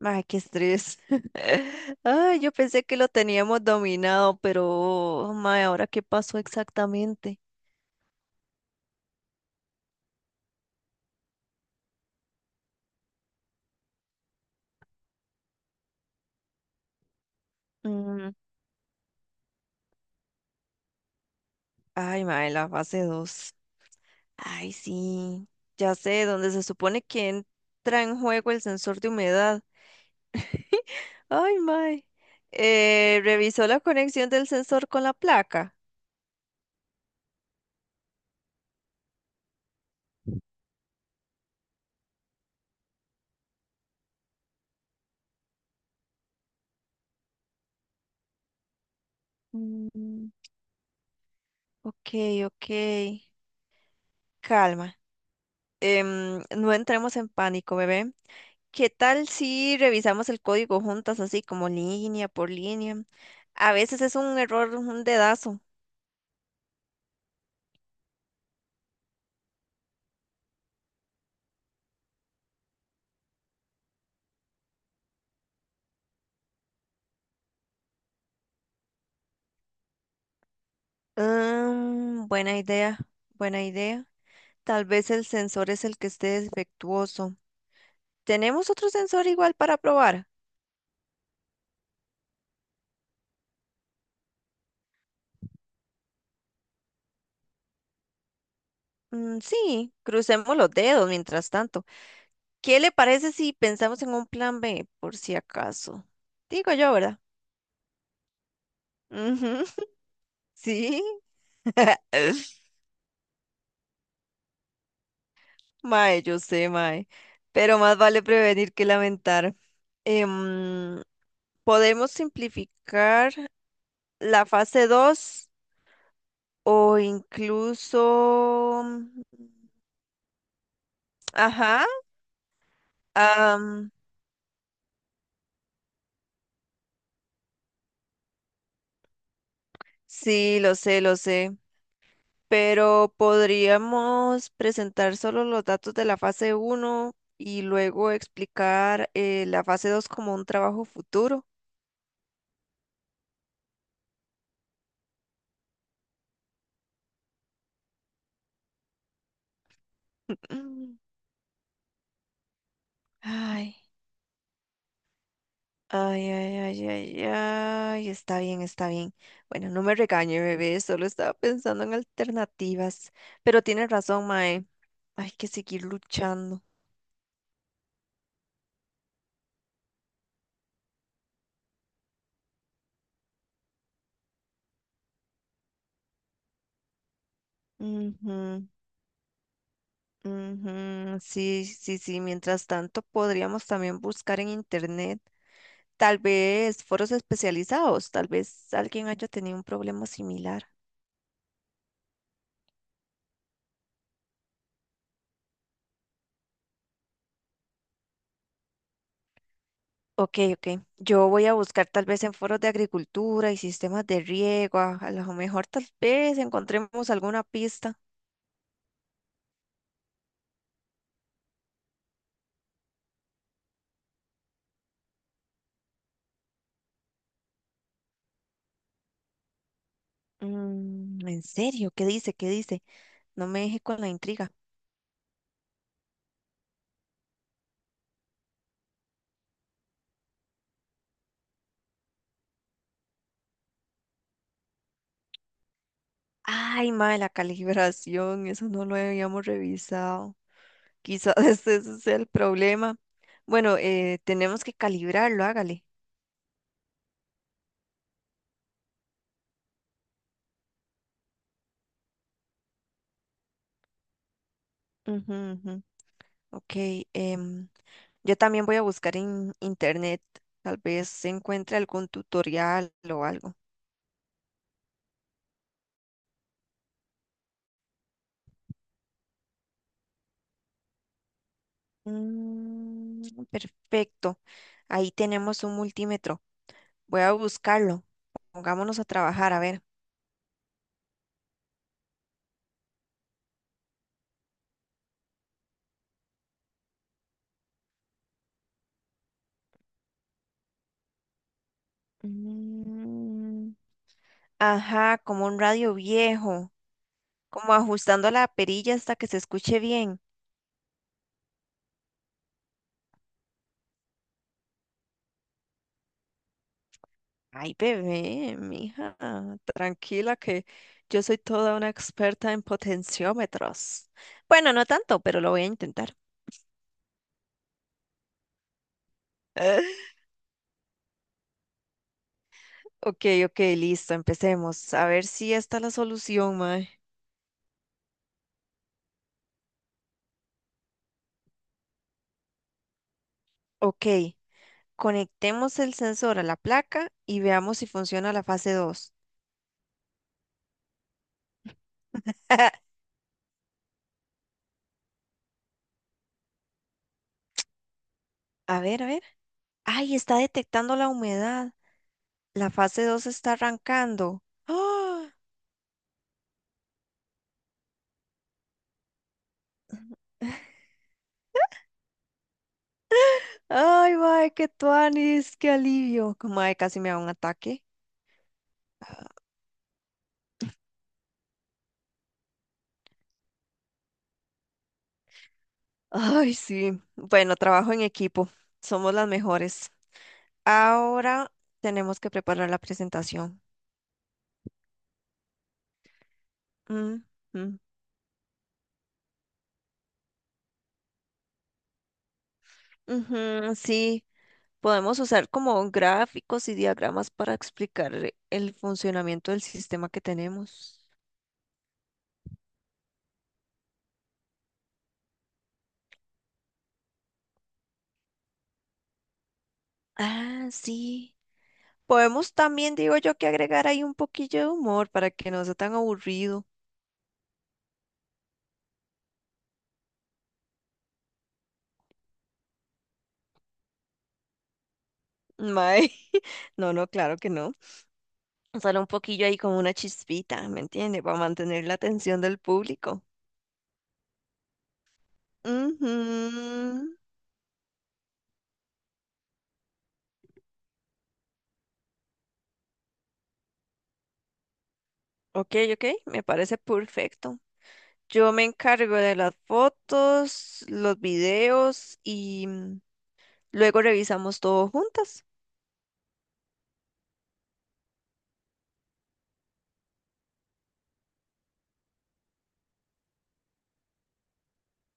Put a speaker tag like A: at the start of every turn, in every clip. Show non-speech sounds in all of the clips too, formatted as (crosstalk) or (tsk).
A: Ay, qué estrés. (laughs) Ay, yo pensé que lo teníamos dominado, pero, mae, ¿ahora qué pasó exactamente? Mm. Ay, mae, la fase 2. Ay, sí. Ya sé, donde se supone que entra en juego el sensor de humedad. (laughs) Ay, mae. Revisó la conexión del sensor con la placa. Mm, ok, ok. Calma. No entremos en pánico, bebé. ¿Qué tal si revisamos el código juntas, así como línea por línea? A veces es un error, un dedazo. Mm, buena idea, buena idea. Tal vez el sensor es el que esté defectuoso. ¿Tenemos otro sensor igual para probar? Mm, sí, crucemos los dedos mientras tanto. ¿Qué le parece si pensamos en un plan B, por si acaso? Digo yo, ¿verdad? Ujú, (laughs) sí. (laughs) Mae, yo sé, mae. Pero más vale prevenir que lamentar. Em, Podemos simplificar la fase 2 o incluso... ajá. am, sí, lo sé, lo sé. Pero podríamos presentar solo los datos de la fase uno y luego explicar la fase 2 como un trabajo futuro. (clears throat) Ay. Ay, ay, ay, ay, ay, está bien, está bien. Bueno, no me regañe, bebé, solo estaba pensando en alternativas. Pero tienes razón, Mae, hay que seguir luchando. Ujú, ujú, sí, sí, sí, mientras tanto podríamos también buscar en internet, tal vez foros especializados, tal vez alguien haya tenido un problema similar. Ok, ok. Yo voy a buscar tal vez en foros de agricultura y sistemas de riego. A lo mejor tal vez encontremos alguna pista. Mm, ¿en serio? ¿Qué dice? ¿Qué dice? No me deje con la intriga. Ay, madre, la calibración, eso no lo habíamos revisado. Quizás (laughs) ese sea el problema. Bueno, tenemos que calibrarlo, hágale. Ujú, ujú. Ok, em, yo también voy a buscar en internet. Tal vez se encuentre algún tutorial o algo. Mm, perfecto. Ahí tenemos un multímetro. Voy a buscarlo. Pongámonos a trabajar, a ver. Mm, ajá, como un radio viejo, como ajustando la perilla hasta que se escuche bien. Ay, bebé, mija, tranquila que yo soy toda una experta en potenciómetros. Bueno, no tanto, pero lo voy a intentar. (laughs) Ok, ok, listo, empecemos. A ver si esta es la solución, mae. Ok, conectemos el sensor a la placa y veamos si funciona la fase 2. (laughs) A ver, a ver. Ay, está detectando la humedad. La fase 2 está arrancando. ¡Ah! (laughs) Ay, mae, qué tuanis, qué alivio. Mae, casi me da un ataque. Ay, sí. Bueno, trabajo en equipo. Somos las mejores. Ahora tenemos que preparar la presentación. Mm, mm. Ujú, sí, podemos usar como gráficos y diagramas para explicar el funcionamiento del sistema que tenemos. Ah, sí. Podemos también, digo yo, que agregar ahí un poquillo de humor para que no sea tan aburrido. Mae, (laughs) no, no, claro que no. Solo un poquillo ahí como una chispita, ¿me entiende? Para mantener la atención del público. Ujú. Ok, ok, me parece perfecto. Yo me encargo de las fotos, los videos y mm, luego revisamos todo juntas.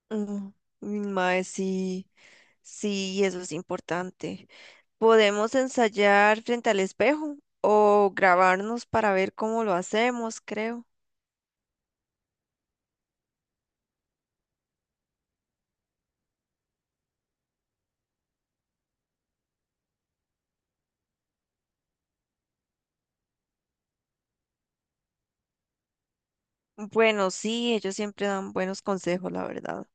A: Mm, mm, Mae, sí. Sí, eso es importante. Podemos ensayar frente al espejo o grabarnos para ver cómo lo hacemos, creo. Bueno, sí, ellos siempre dan buenos consejos, la verdad.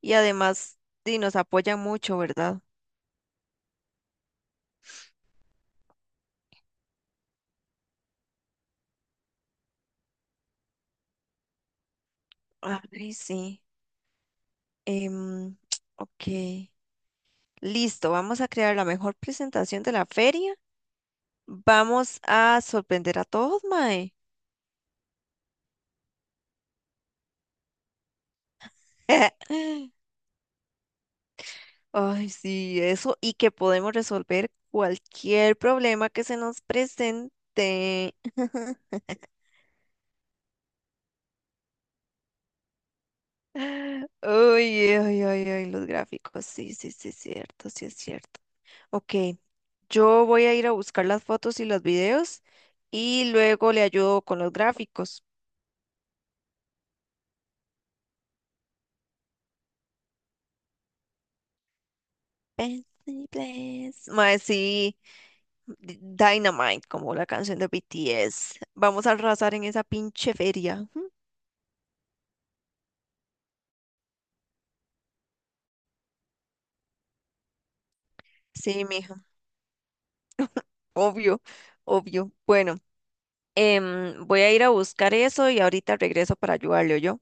A: Y además, sí, nos apoyan mucho, ¿verdad? Ay, sí. Em, (tsk) ok. Listo, vamos a crear la mejor presentación de la feria. Vamos a sorprender a todos, Mae. (laughs) Ay, sí, eso, y que podemos resolver cualquier problema que se nos presente. (laughs) Ay, ay, ay, ay, los gráficos, sí, sí, sí, es cierto, sí es cierto. Ok, yo voy a ir a buscar las fotos y los videos y luego le ayudo con los gráficos. Benzey Blaze. Mae, sí, Dynamite, como la canción de BTS. Vamos a arrasar en esa pinche feria. Ujú. Sí, mija, obvio, obvio. Bueno. Voy a ir a buscar eso y ahorita regreso para ayudarle, yo.